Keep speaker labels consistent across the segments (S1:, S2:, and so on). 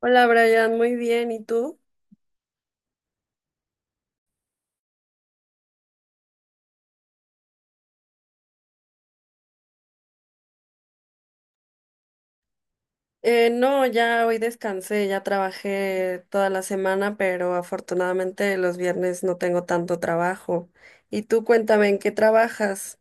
S1: Hola Brian, muy bien, ¿y tú? No, ya hoy descansé, ya trabajé toda la semana, pero afortunadamente los viernes no tengo tanto trabajo. Y tú cuéntame, ¿en qué trabajas?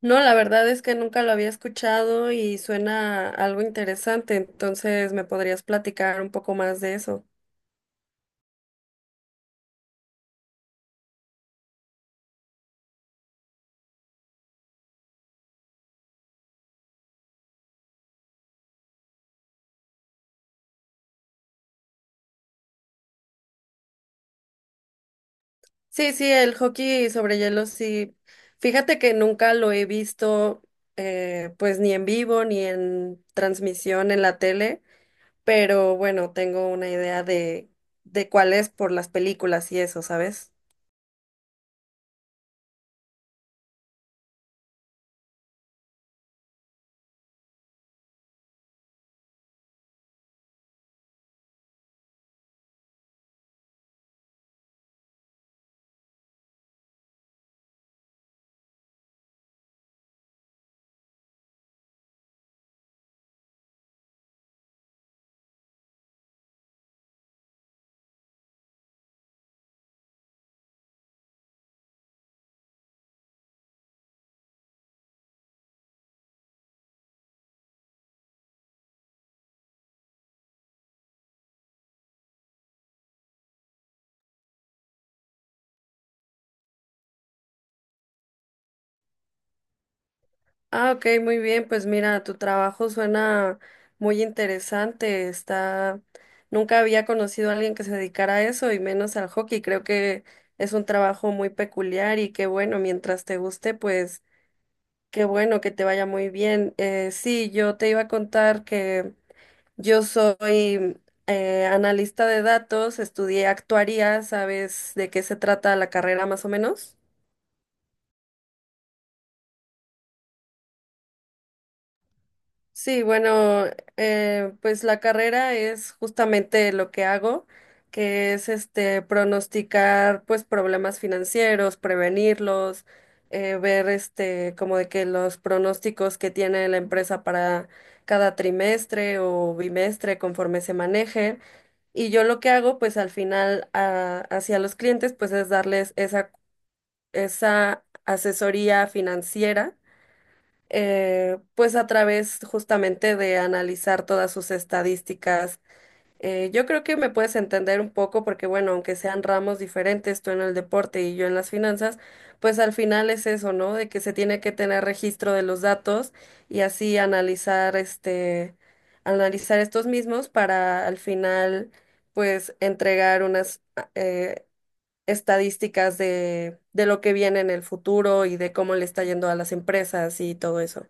S1: No, la verdad es que nunca lo había escuchado y suena algo interesante, entonces me podrías platicar un poco más de eso. Sí, sí, el hockey sobre hielo, sí. Fíjate que nunca lo he visto, pues ni en vivo ni en transmisión en la tele. Pero bueno, tengo una idea de cuál es por las películas y eso, ¿sabes? Ah, ok, muy bien, pues mira, tu trabajo suena muy interesante. Nunca había conocido a alguien que se dedicara a eso y menos al hockey, creo que es un trabajo muy peculiar y qué bueno, mientras te guste, pues qué bueno que te vaya muy bien. Sí, yo te iba a contar. Yo soy analista de datos, estudié actuaría, ¿sabes de qué se trata la carrera más o menos? Sí, bueno, pues la carrera es justamente lo que hago, que es pronosticar pues problemas financieros, prevenirlos, ver como de que los pronósticos que tiene la empresa para cada trimestre o bimestre conforme se maneje. Y yo lo que hago, pues al final hacia los clientes, pues es darles esa asesoría financiera, pues a través justamente de analizar todas sus estadísticas. Yo creo que me puedes entender un poco porque, bueno, aunque sean ramos diferentes, tú en el deporte y yo en las finanzas, pues al final es eso, ¿no? De que se tiene que tener registro de los datos y así analizar estos mismos para al final, pues, entregar unas estadísticas de lo que viene en el futuro y de cómo le está yendo a las empresas y todo eso.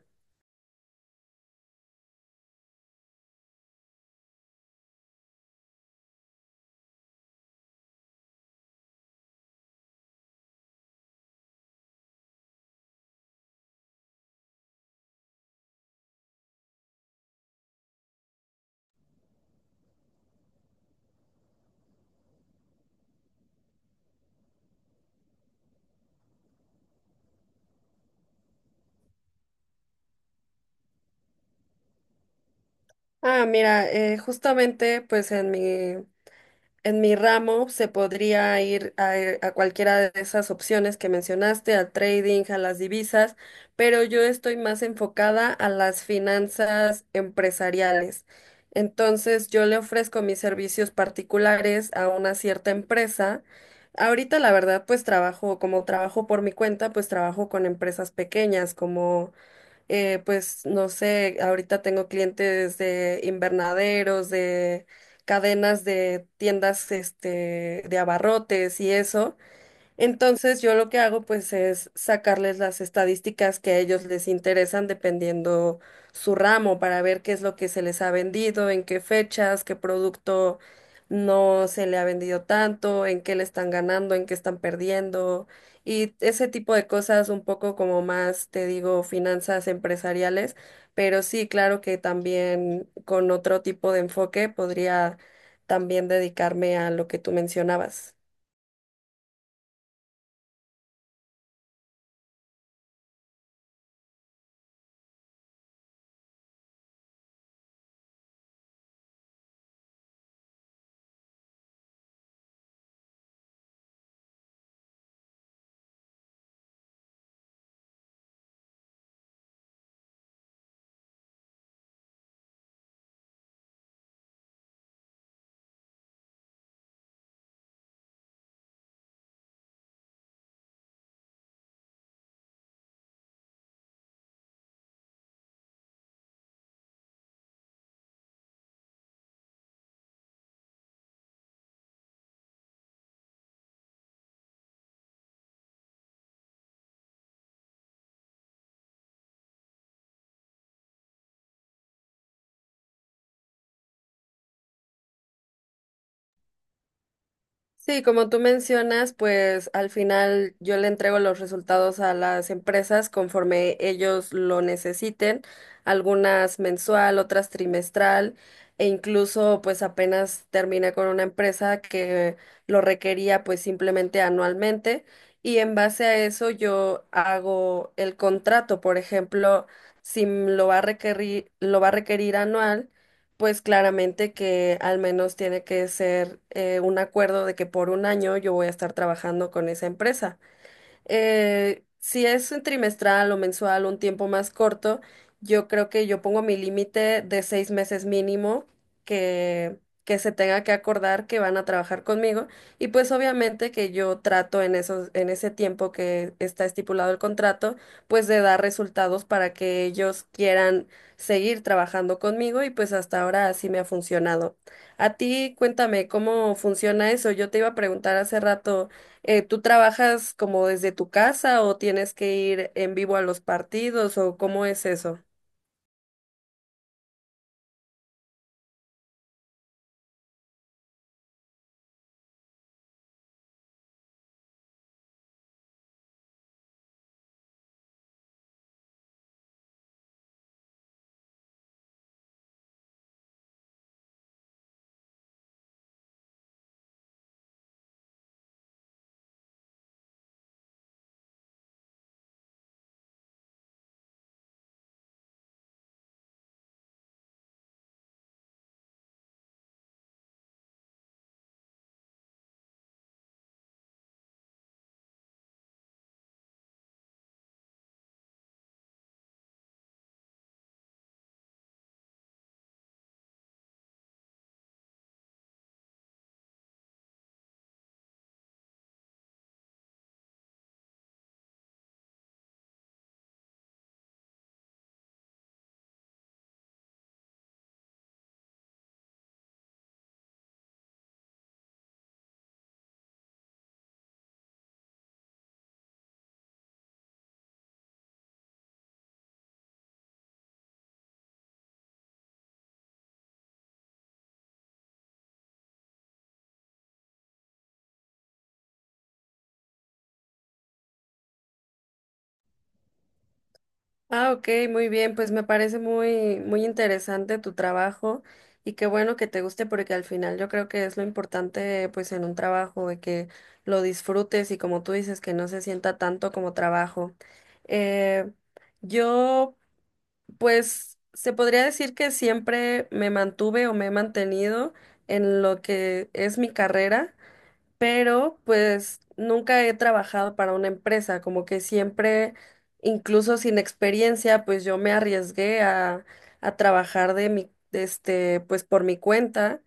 S1: Ah, mira, justamente pues en mi ramo se podría ir a cualquiera de esas opciones que mencionaste, al trading, a las divisas, pero yo estoy más enfocada a las finanzas empresariales. Entonces, yo le ofrezco mis servicios particulares a una cierta empresa. Ahorita, la verdad, pues trabajo, como trabajo por mi cuenta, pues trabajo con empresas pequeñas, como pues no sé, ahorita tengo clientes de invernaderos, de cadenas de tiendas, de abarrotes y eso. Entonces yo lo que hago pues es sacarles las estadísticas que a ellos les interesan dependiendo su ramo para ver qué es lo que se les ha vendido, en qué fechas, qué producto no se le ha vendido tanto, en qué le están ganando, en qué están perdiendo y ese tipo de cosas un poco como más, te digo, finanzas empresariales, pero sí, claro que también con otro tipo de enfoque podría también dedicarme a lo que tú mencionabas. Sí, como tú mencionas, pues al final yo le entrego los resultados a las empresas conforme ellos lo necesiten, algunas mensual, otras trimestral, e incluso pues apenas terminé con una empresa que lo requería pues simplemente anualmente y en base a eso yo hago el contrato, por ejemplo, si lo va a requerir, lo va a requerir anual. Pues claramente que al menos tiene que ser un acuerdo de que por un año yo voy a estar trabajando con esa empresa. Si es un trimestral o mensual, un tiempo más corto, yo creo que yo pongo mi límite de 6 meses mínimo que, que se tenga que acordar que van a trabajar conmigo. Y pues obviamente que yo trato en en ese tiempo que está estipulado el contrato, pues de dar resultados para que ellos quieran seguir trabajando conmigo y pues hasta ahora así me ha funcionado. A ti, cuéntame cómo funciona eso. Yo te iba a preguntar hace rato. ¿Tú trabajas como desde tu casa o tienes que ir en vivo a los partidos o cómo es eso? Ah, ok, muy bien, pues me parece muy, muy interesante tu trabajo y qué bueno que te guste porque al final yo creo que es lo importante pues en un trabajo de que lo disfrutes y como tú dices que no se sienta tanto como trabajo. Eh, yo pues se podría decir que siempre me mantuve o me he mantenido en lo que es mi carrera. Pero pues nunca he trabajado para una empresa, como que siempre, incluso sin experiencia, pues yo me arriesgué a trabajar de mi, de este, pues por mi cuenta,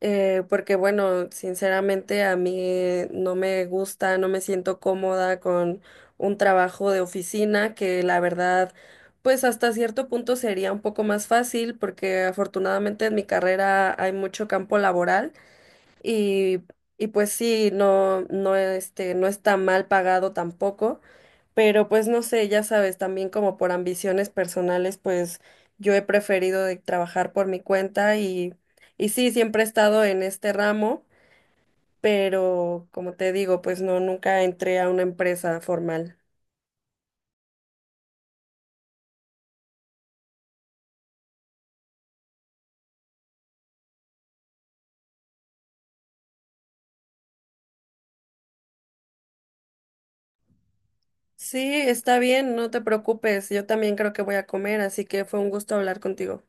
S1: porque bueno, sinceramente a mí no me gusta, no me siento cómoda con un trabajo de oficina que la verdad. Pues hasta cierto punto sería un poco más fácil porque afortunadamente en mi carrera hay mucho campo laboral, y, y pues sí, no, no, no está mal pagado tampoco, pero pues no sé, ya sabes, también como por ambiciones personales, pues yo he preferido de trabajar por mi cuenta y sí, siempre he estado en este ramo, pero como te digo, pues no, nunca entré a una empresa formal. Sí, está bien, no te preocupes, yo también creo que voy a comer, así que fue un gusto hablar contigo.